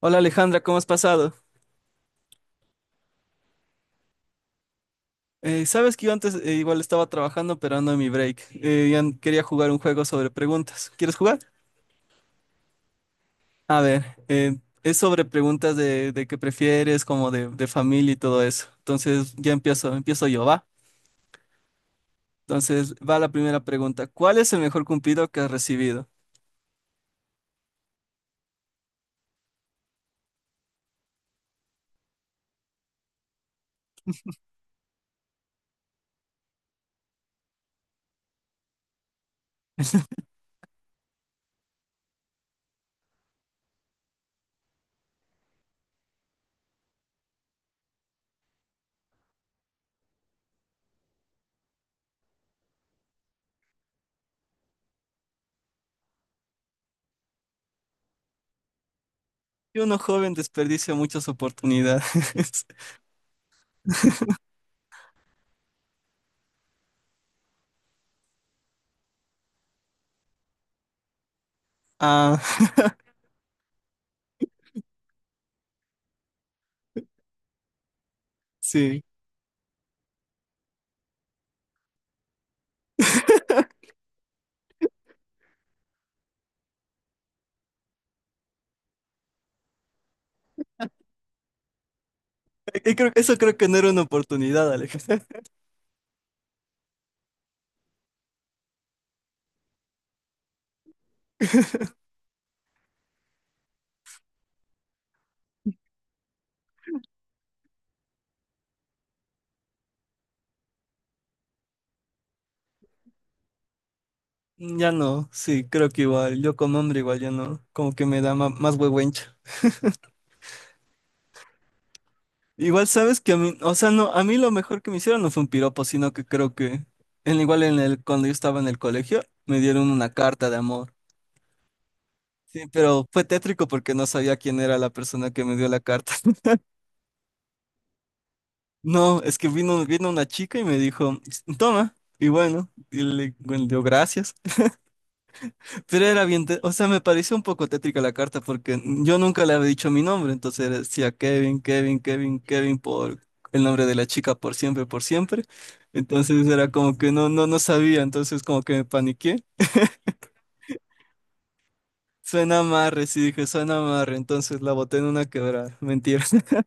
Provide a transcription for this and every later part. Hola Alejandra, ¿cómo has pasado? Sabes que yo antes igual estaba trabajando, pero ando en mi break. Ya quería jugar un juego sobre preguntas. ¿Quieres jugar? A ver, es sobre preguntas de, qué prefieres, como de, familia y todo eso. Entonces ya empiezo, empiezo yo, ¿va? Entonces va la primera pregunta. ¿Cuál es el mejor cumplido que has recibido? Y uno joven desperdicia muchas oportunidades. Ah, sí. Y eso creo que no era una oportunidad, Alejandra. Mm, ya no, sí, creo que igual, yo como hombre igual ya no, como que me da más huehuencha. Igual sabes que a mí, o sea, no, a mí lo mejor que me hicieron no fue un piropo, sino que creo que, igual cuando yo estaba en el colegio, me dieron una carta de amor. Sí, pero fue tétrico porque no sabía quién era la persona que me dio la carta. No, es que vino una chica y me dijo, toma, y bueno, bueno, dio gracias. Pero era bien, o sea, me pareció un poco tétrica la carta porque yo nunca le había dicho mi nombre, entonces decía Kevin, Kevin, Kevin, Kevin por el nombre de la chica por siempre, por siempre. Entonces era como que no, no, no sabía, entonces como que me paniqué. Suena amarre, sí dije, suena amarre, entonces la boté en una quebrada, mentira.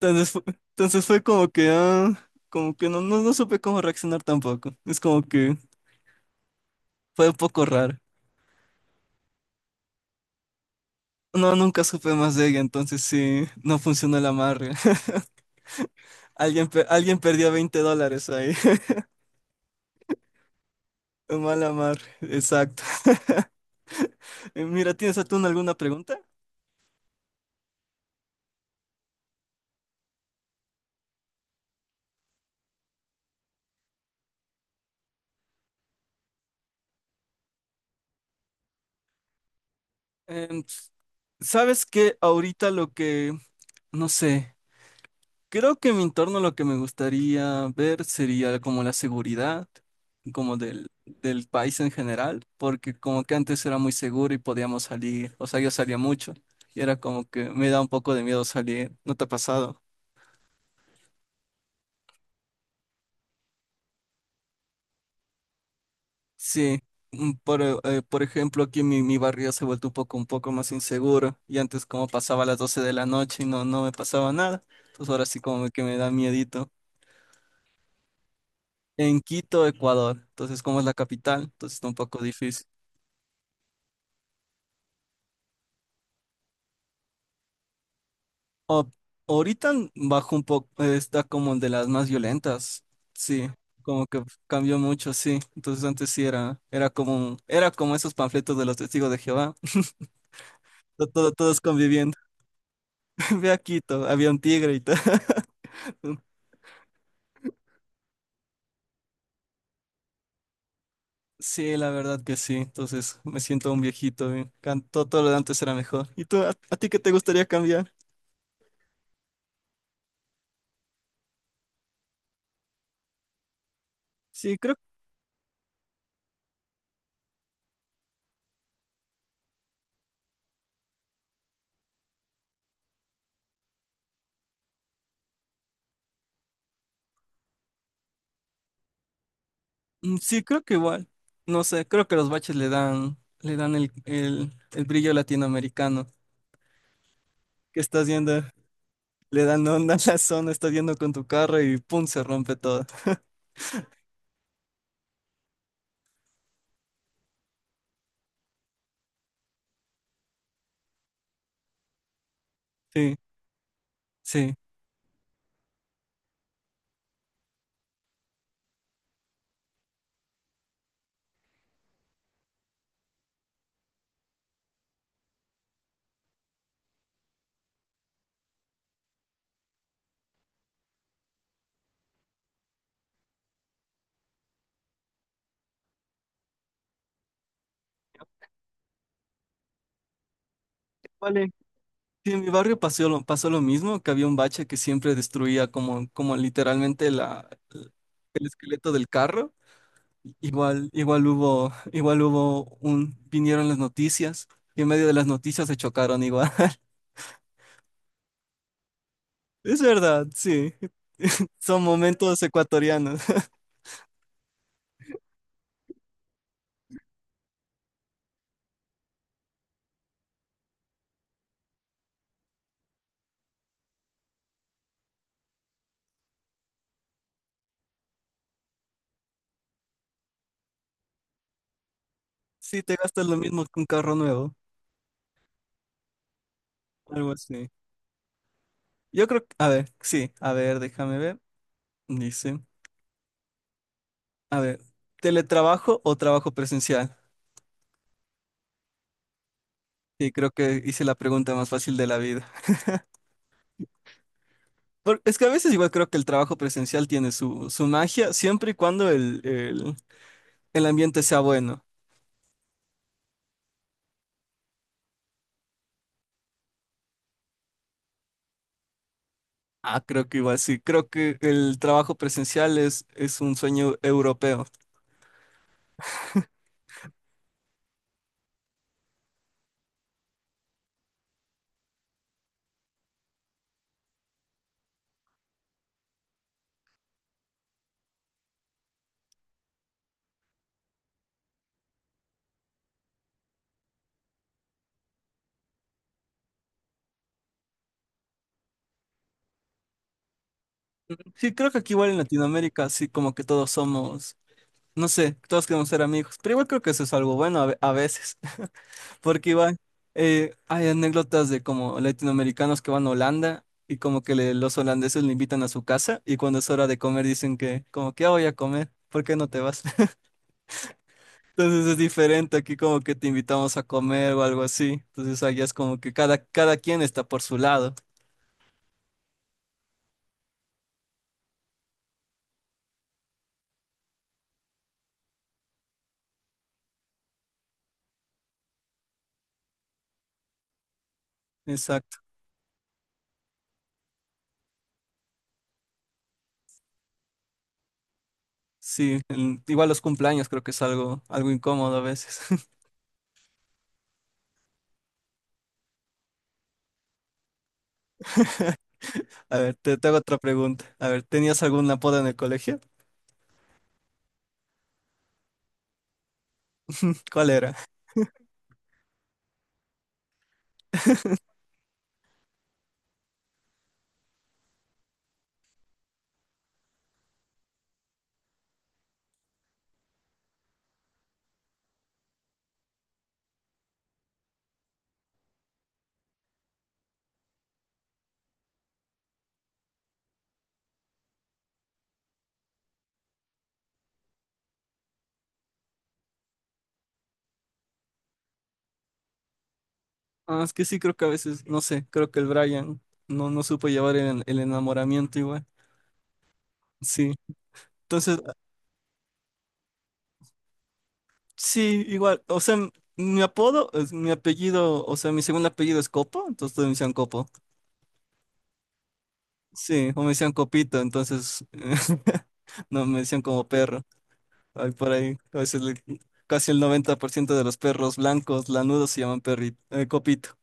Entonces fue, entonces fue como que, ah, como que no, no, no supe cómo reaccionar tampoco. Es como que fue un poco raro. No, nunca supe más de ella, entonces sí, no funcionó el amarre. Alguien perdió $20 ahí. Mala mar, exacto. Mira, ¿tienes a tú alguna pregunta? Em, ¿sabes qué? Ahorita lo que, no sé, creo que en mi entorno lo que me gustaría ver sería como la seguridad, como del país en general, porque como que antes era muy seguro y podíamos salir, o sea, yo salía mucho y era como que me da un poco de miedo salir, ¿no te ha pasado? Sí, por ejemplo, aquí mi barrio se ha vuelto un poco más inseguro y antes como pasaba a las 12 de la noche y no, no me pasaba nada, pues ahora sí como que me da miedito. En Quito, Ecuador, entonces como es la capital, entonces está un poco difícil. O- ahorita bajo un poco, está como de las más violentas, sí, como que cambió mucho, sí. Entonces antes sí era, era como, era como esos panfletos de los testigos de Jehová, todos conviviendo. Ve a Quito, había un tigre y todo. Sí, la verdad que sí. Entonces me siento un viejito. Cantó todo todo lo de antes era mejor. ¿Y tú, a ti qué te gustaría cambiar? Sí, creo, sí, creo que igual. No sé, creo que los baches le dan el brillo latinoamericano. Que estás yendo, le dan onda a la zona, estás yendo con tu carro y pum, se rompe todo. Sí, sí. Vale. Sí, en mi barrio pasó lo mismo, que había un bache que siempre destruía como literalmente el esqueleto del carro. Igual hubo, vinieron las noticias y en medio de las noticias se chocaron igual. Es verdad, sí. Son momentos ecuatorianos. Sí, te gastas lo mismo que un carro nuevo, algo así. Yo creo que, a ver, sí, a ver, déjame ver. Dice, a ver, ¿teletrabajo o trabajo presencial? Sí, creo que hice la pregunta más fácil de la vida. Es que a veces igual creo que el trabajo presencial tiene su magia, siempre y cuando el ambiente sea bueno. Ah, creo que igual sí. Creo que el trabajo presencial es un sueño europeo. Sí, creo que aquí igual en Latinoamérica, sí, como que todos somos, no sé, todos queremos ser amigos, pero igual creo que eso es algo bueno a veces, porque igual hay anécdotas de como latinoamericanos que van a Holanda y como que los holandeses le invitan a su casa y cuando es hora de comer dicen que como que "Ah, voy a comer, ¿por qué no te vas?" Entonces es diferente, aquí como que te invitamos a comer o algo así. Entonces allá es como que cada quien está por su lado. Exacto, sí. Igual los cumpleaños creo que es algo incómodo a veces. A ver, te hago otra pregunta. A ver, ¿tenías algún apodo en el colegio? ¿Cuál era? Ah, es que sí, creo que a veces, no sé, creo que el Brian no, no supo llevar el enamoramiento igual. Sí. Entonces, sí, igual. O sea, mi apodo, mi apellido, o sea, mi segundo apellido es Copo, entonces todos me decían Copo. Sí, o me decían Copito, entonces no me decían como perro. Hay por ahí, a veces casi el 90% de los perros blancos lanudos se llaman copito.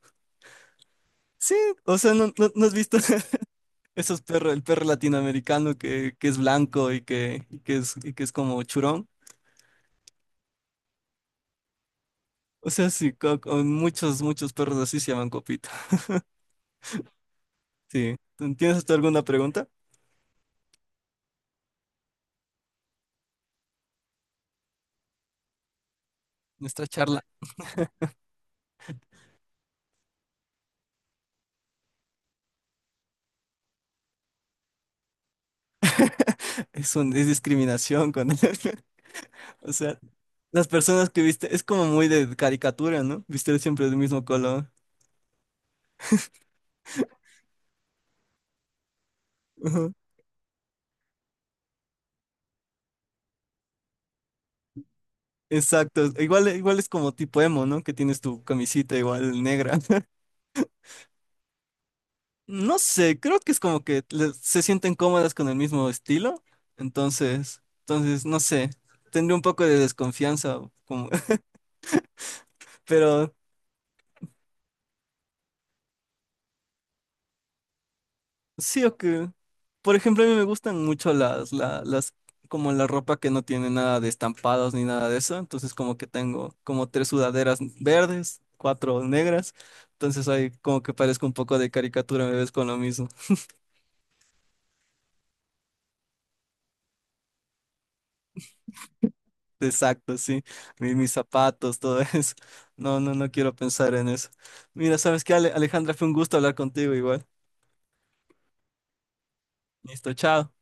Sí, o sea, ¿no, no, no has visto esos perros, el perro latinoamericano que es blanco y que es como churón? O sea, sí, muchos perros así se llaman copito. Sí. ¿Tienes tú alguna pregunta? Nuestra charla es discriminación con él. O sea, las personas que viste, es como muy de caricatura, ¿no? Viste siempre del mismo color. Exacto, igual, igual es como tipo emo, ¿no? Que tienes tu camisita igual negra. No sé, creo que es como que se sienten cómodas con el mismo estilo, entonces, no sé, tendría un poco de desconfianza, como, pero sí o que, por ejemplo, a mí me gustan mucho como la ropa que no tiene nada de estampados ni nada de eso, entonces como que tengo como tres sudaderas verdes, cuatro negras, entonces ahí como que parezco un poco de caricatura, me ves con lo mismo. Exacto, sí. Mis zapatos, todo eso. No, no, no quiero pensar en eso. Mira, ¿sabes qué, Alejandra? Fue un gusto hablar contigo igual. Listo, chao.